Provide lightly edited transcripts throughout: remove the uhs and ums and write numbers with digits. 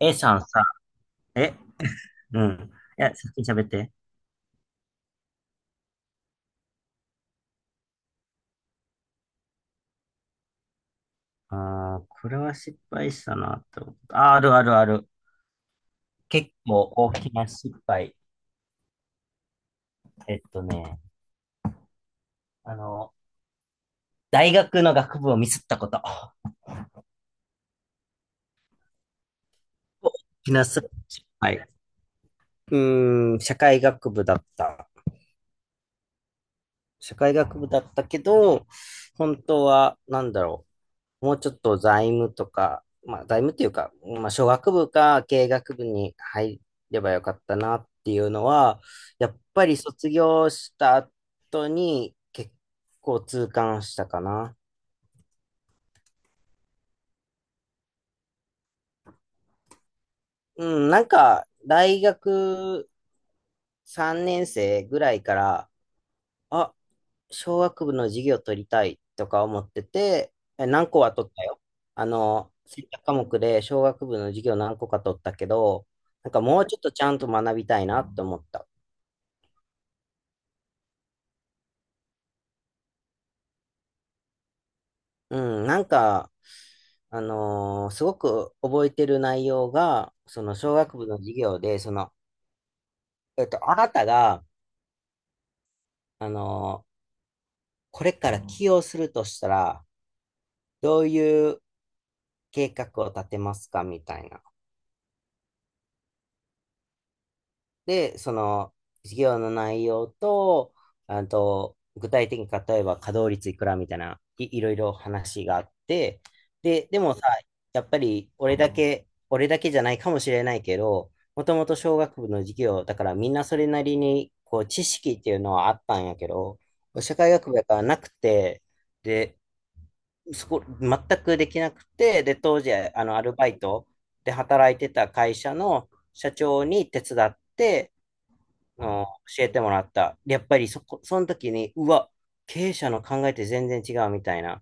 A さんさ、えうん。いや、先に喋って。あー、これは失敗したなって思った。あー、あるあるある。結構大きな失敗。えっとね、あの、大学の学部をミスったこと。大きな失敗。うーん、社会学部だった。社会学部だったけど、本当は、なんだろう。もうちょっと財務とか、まあ財務っていうか、まあ商学部か経営学部に入ればよかったなっていうのは、やっぱり卒業した後に結構痛感したかな。うん、なんか大学3年生ぐらいから、あ、小学部の授業取りたいとか思ってて、何個は取ったよ。選択科目で小学部の授業何個か取ったけど、なんかもうちょっとちゃんと学びたいなって思った。うん、なんか、すごく覚えてる内容が、その小学部の授業で、その、あなたが、あのーこれから起用するとしたら、どういう計画を立てますかみたいな。で、その、授業の内容と、あと、具体的に例えば稼働率いくらみたいな、いろいろ話があって、で、でもさ、やっぱり俺だけ、俺だけじゃないかもしれないけど、もともと小学部の授業、だからみんなそれなりに、こう、知識っていうのはあったんやけど、社会学部やからなくて、で、そこ、全くできなくて、で、当時、アルバイトで働いてた会社の社長に手伝って、の教えてもらった。やっぱりそこ、その時に、うわ、経営者の考えって全然違うみたいな。っ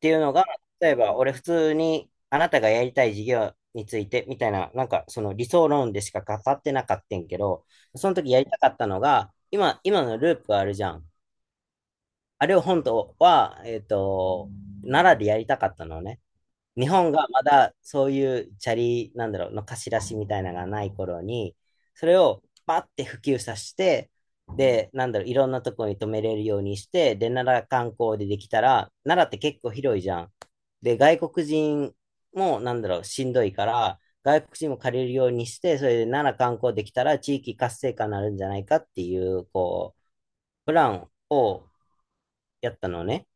ていうのが、例えば俺普通にあなたがやりたい事業についてみたいな、なんかその理想論でしか語ってなかったんけど、その時やりたかったのが、今のループあるじゃん。あれを本当は、奈良でやりたかったのね。日本がまだそういうチャリ、なんだろう、の貸し出しみたいなのがない頃に、それをバッて普及させて、で、なんだろう、いろんなところに止めれるようにして、で、奈良観光でできたら、奈良って結構広いじゃん。で、外国人も、なんだろう、しんどいから、外国人も借りるようにして、それで奈良観光できたら地域活性化になるんじゃないかっていう、こう、プランをやったのね。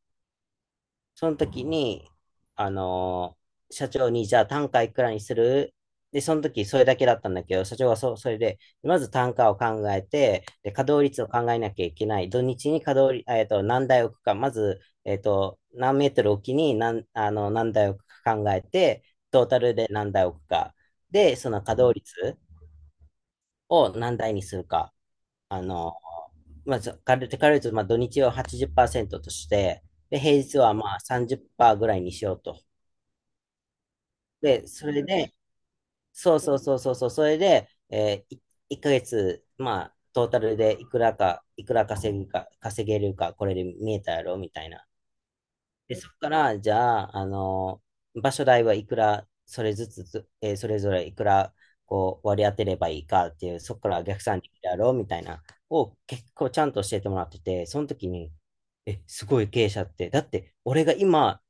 その時に、あのー社長に、じゃあ単価いくらにする？で、その時それだけだったんだけど、社長はそれで、まず単価を考えて、で、稼働率を考えなきゃいけない。土日に稼働率、何台置くか、まず、何メートル置きに何、あの、何台置くか考えて、トータルで何台置くか。で、その稼働率を何台にするか。あの、まず、ざ軽く、軽く言うと、まあ、土日を80%として、で、平日はまあ30%ぐらいにしようと。で、それで、そうそうそうそうそう、それで、1ヶ月、まあ、トータルでいくらか、いくら稼ぐか、稼げるか、これで見えたやろ、みたいな。で、そこから、じゃあ、場所代はいくら、それずつつ、えーそれぞれいくら、こう、割り当てればいいかっていう、そこから逆算でやろうみたいな、を結構ちゃんと教えてもらってて、その時に、すごい経営者って、だって、俺が今、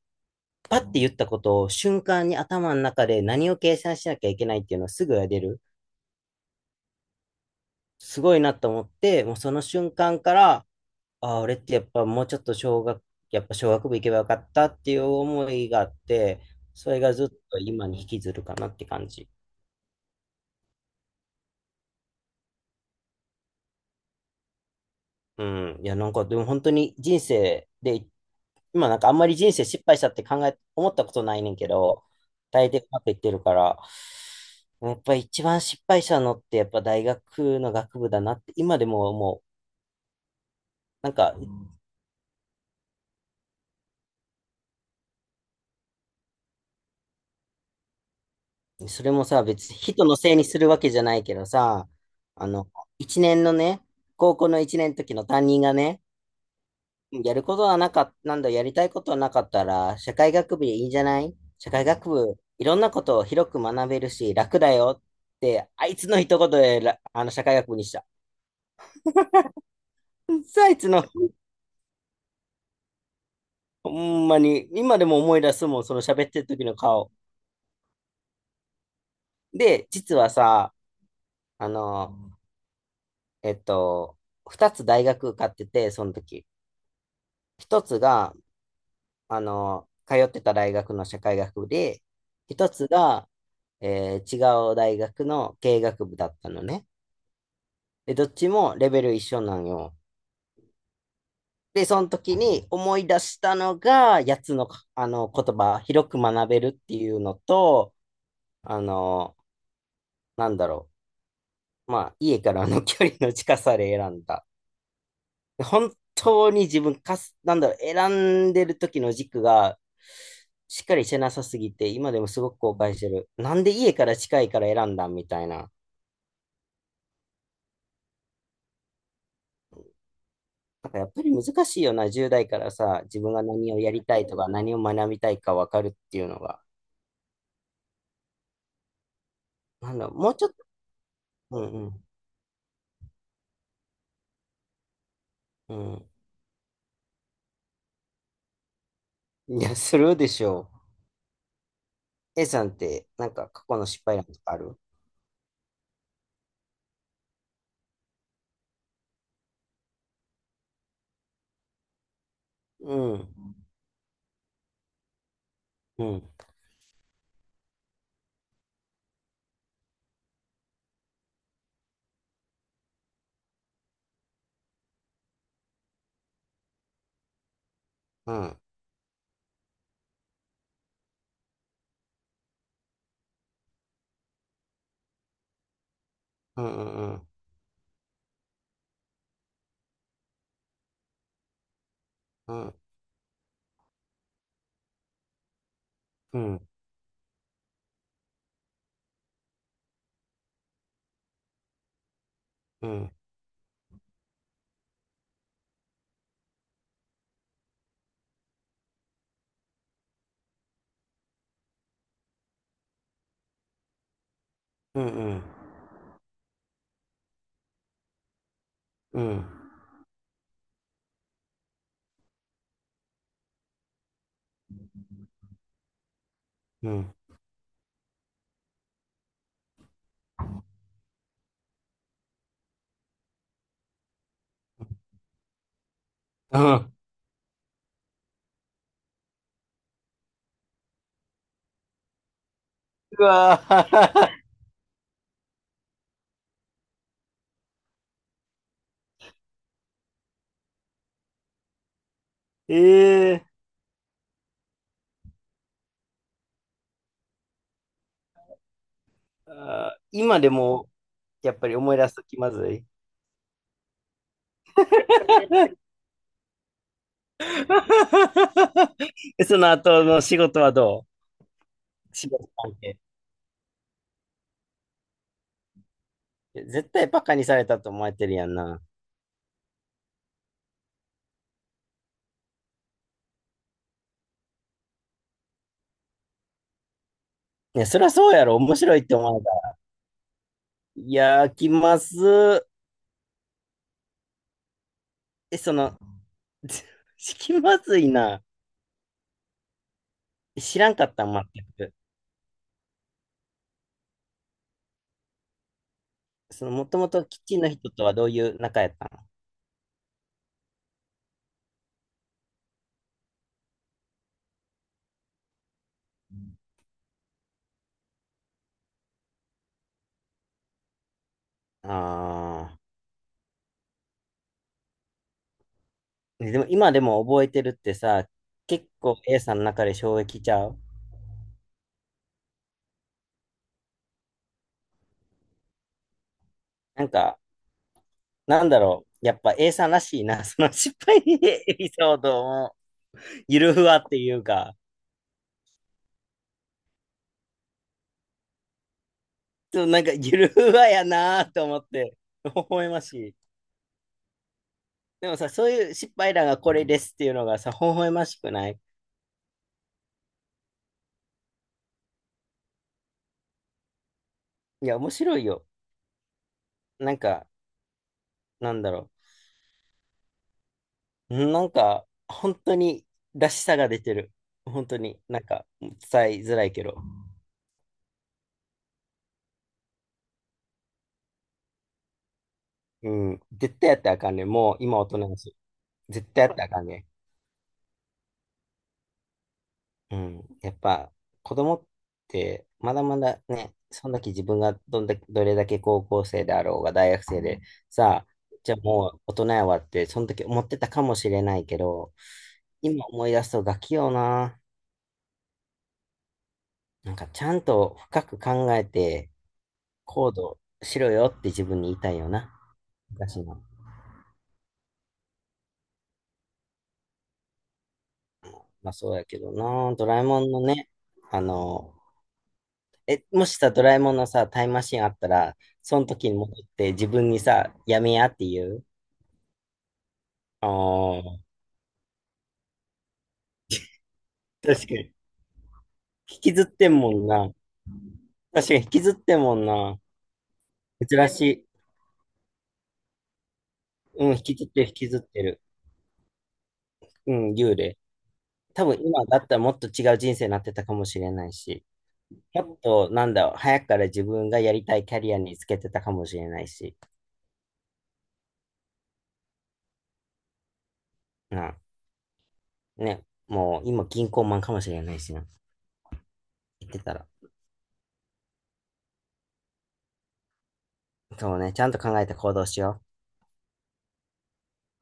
パッて言ったことを瞬間に頭の中で何を計算しなきゃいけないっていうのをすぐやれる。すごいなと思って、もうその瞬間から、ああ、俺ってやっぱもうちょっとやっぱ小学部行けばよかったっていう思いがあって、それがずっと今に引きずるかなって感じ。うん。いや、なんかでも本当に人生で、今なんかあんまり人生失敗したって思ったことないねんけど、大抵うまくいってるから、やっぱ一番失敗したのってやっぱ大学の学部だなって、今でももう、なんかそれもさ、別に人のせいにするわけじゃないけどさ、あの、一年のね、高校の一年の時の担任がね、やりたいことはなかったら、社会学部でいいんじゃない社会学部、いろんなことを広く学べるし、楽だよって、あいつの一言で、らあの、社会学部にした。さあいつの、ほんまに、今でも思い出すもん、その喋ってる時の顔。で、実はさ、あの、えっと、二つ大学受かってて、その時。一つが、通ってた大学の社会学部で、一つが、違う大学の経営学部だったのね。で、どっちもレベル一緒なんよ。で、その時に思い出したのが、やつの、あの言葉、広く学べるっていうのと、あの、なんだろう。まあ、家からの距離の近さで選んだ。本当に自分かなんだ選んでる時の軸がしっかりしてなさすぎて今でもすごく後悔してる。なんで家から近いから選んだみたいな。なんかやっぱり難しいよな、十代からさ自分が何をやりたいとか何を学みたいかわかるっていうのが。なんだもうちょっと。うん。うん。うん、いやするでしょ。 A さんってなんか過去の失敗ある？うん。うん。うん。うん。うん。うん。うん。うん。うん。うん。うん。うん。うわー。 ええー。あー今でも、やっぱり思い出すと気まずい。その後の仕事はどう？仕事関係。絶対バカにされたと思われてるやんな。いや、そりゃそうやろ。面白いって思われた。いやー、気まずい。え、その、気まずいな。知らんかったん、全く。もともとキッチンの人とはどういう仲やったの？ああー。でも、今でも覚えてるってさ、結構 A さんの中で衝撃ちゃう？なんか、なんだろう。やっぱ A さんらしいな。その失敗エピソードも、ゆるふわっていうか、ちょっとなんかゆるふわやなと思って、微笑ましい。でもさ、そういう失敗談がこれですっていうのがさ、微笑ましくない？いや、面白いよ。なんか、なんだろう。うんなんか、本当にらしさが出てる。本当に、なんか、伝えづらいけど。うん。絶対やったらあかんねん。もう今大人だし。絶対やったらあかんねん。うん、やっぱ子供ってまだまだね、その時自分がどんだけ、どれだけ高校生であろうが大学生で、さあ、じゃあもう大人やわって、その時思ってたかもしれないけど、今思い出すとガキよな。なんかちゃんと深く考えて行動しろよって自分に言いたいよな。昔の。まあそうやけどな。ドラえもんのね、あの、もしさ、ドラえもんのさ、タイムマシンあったら、その時に戻って自分にさ、やめやって言う。ああ、確かに。引きずってんもんな。確かに引きずってんもんな。珍しい。うん、引きずってる、引きずってる。うん、幽霊。多分今だったらもっと違う人生になってたかもしれないし、もっと、なんだろう、早くから自分がやりたいキャリアにつけてたかもしれないし、な、ね、もう今銀行マンかもしれないしな。言ってたら。そうね、ちゃんと考えて行動しよ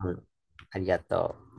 う。うん、ありがとう。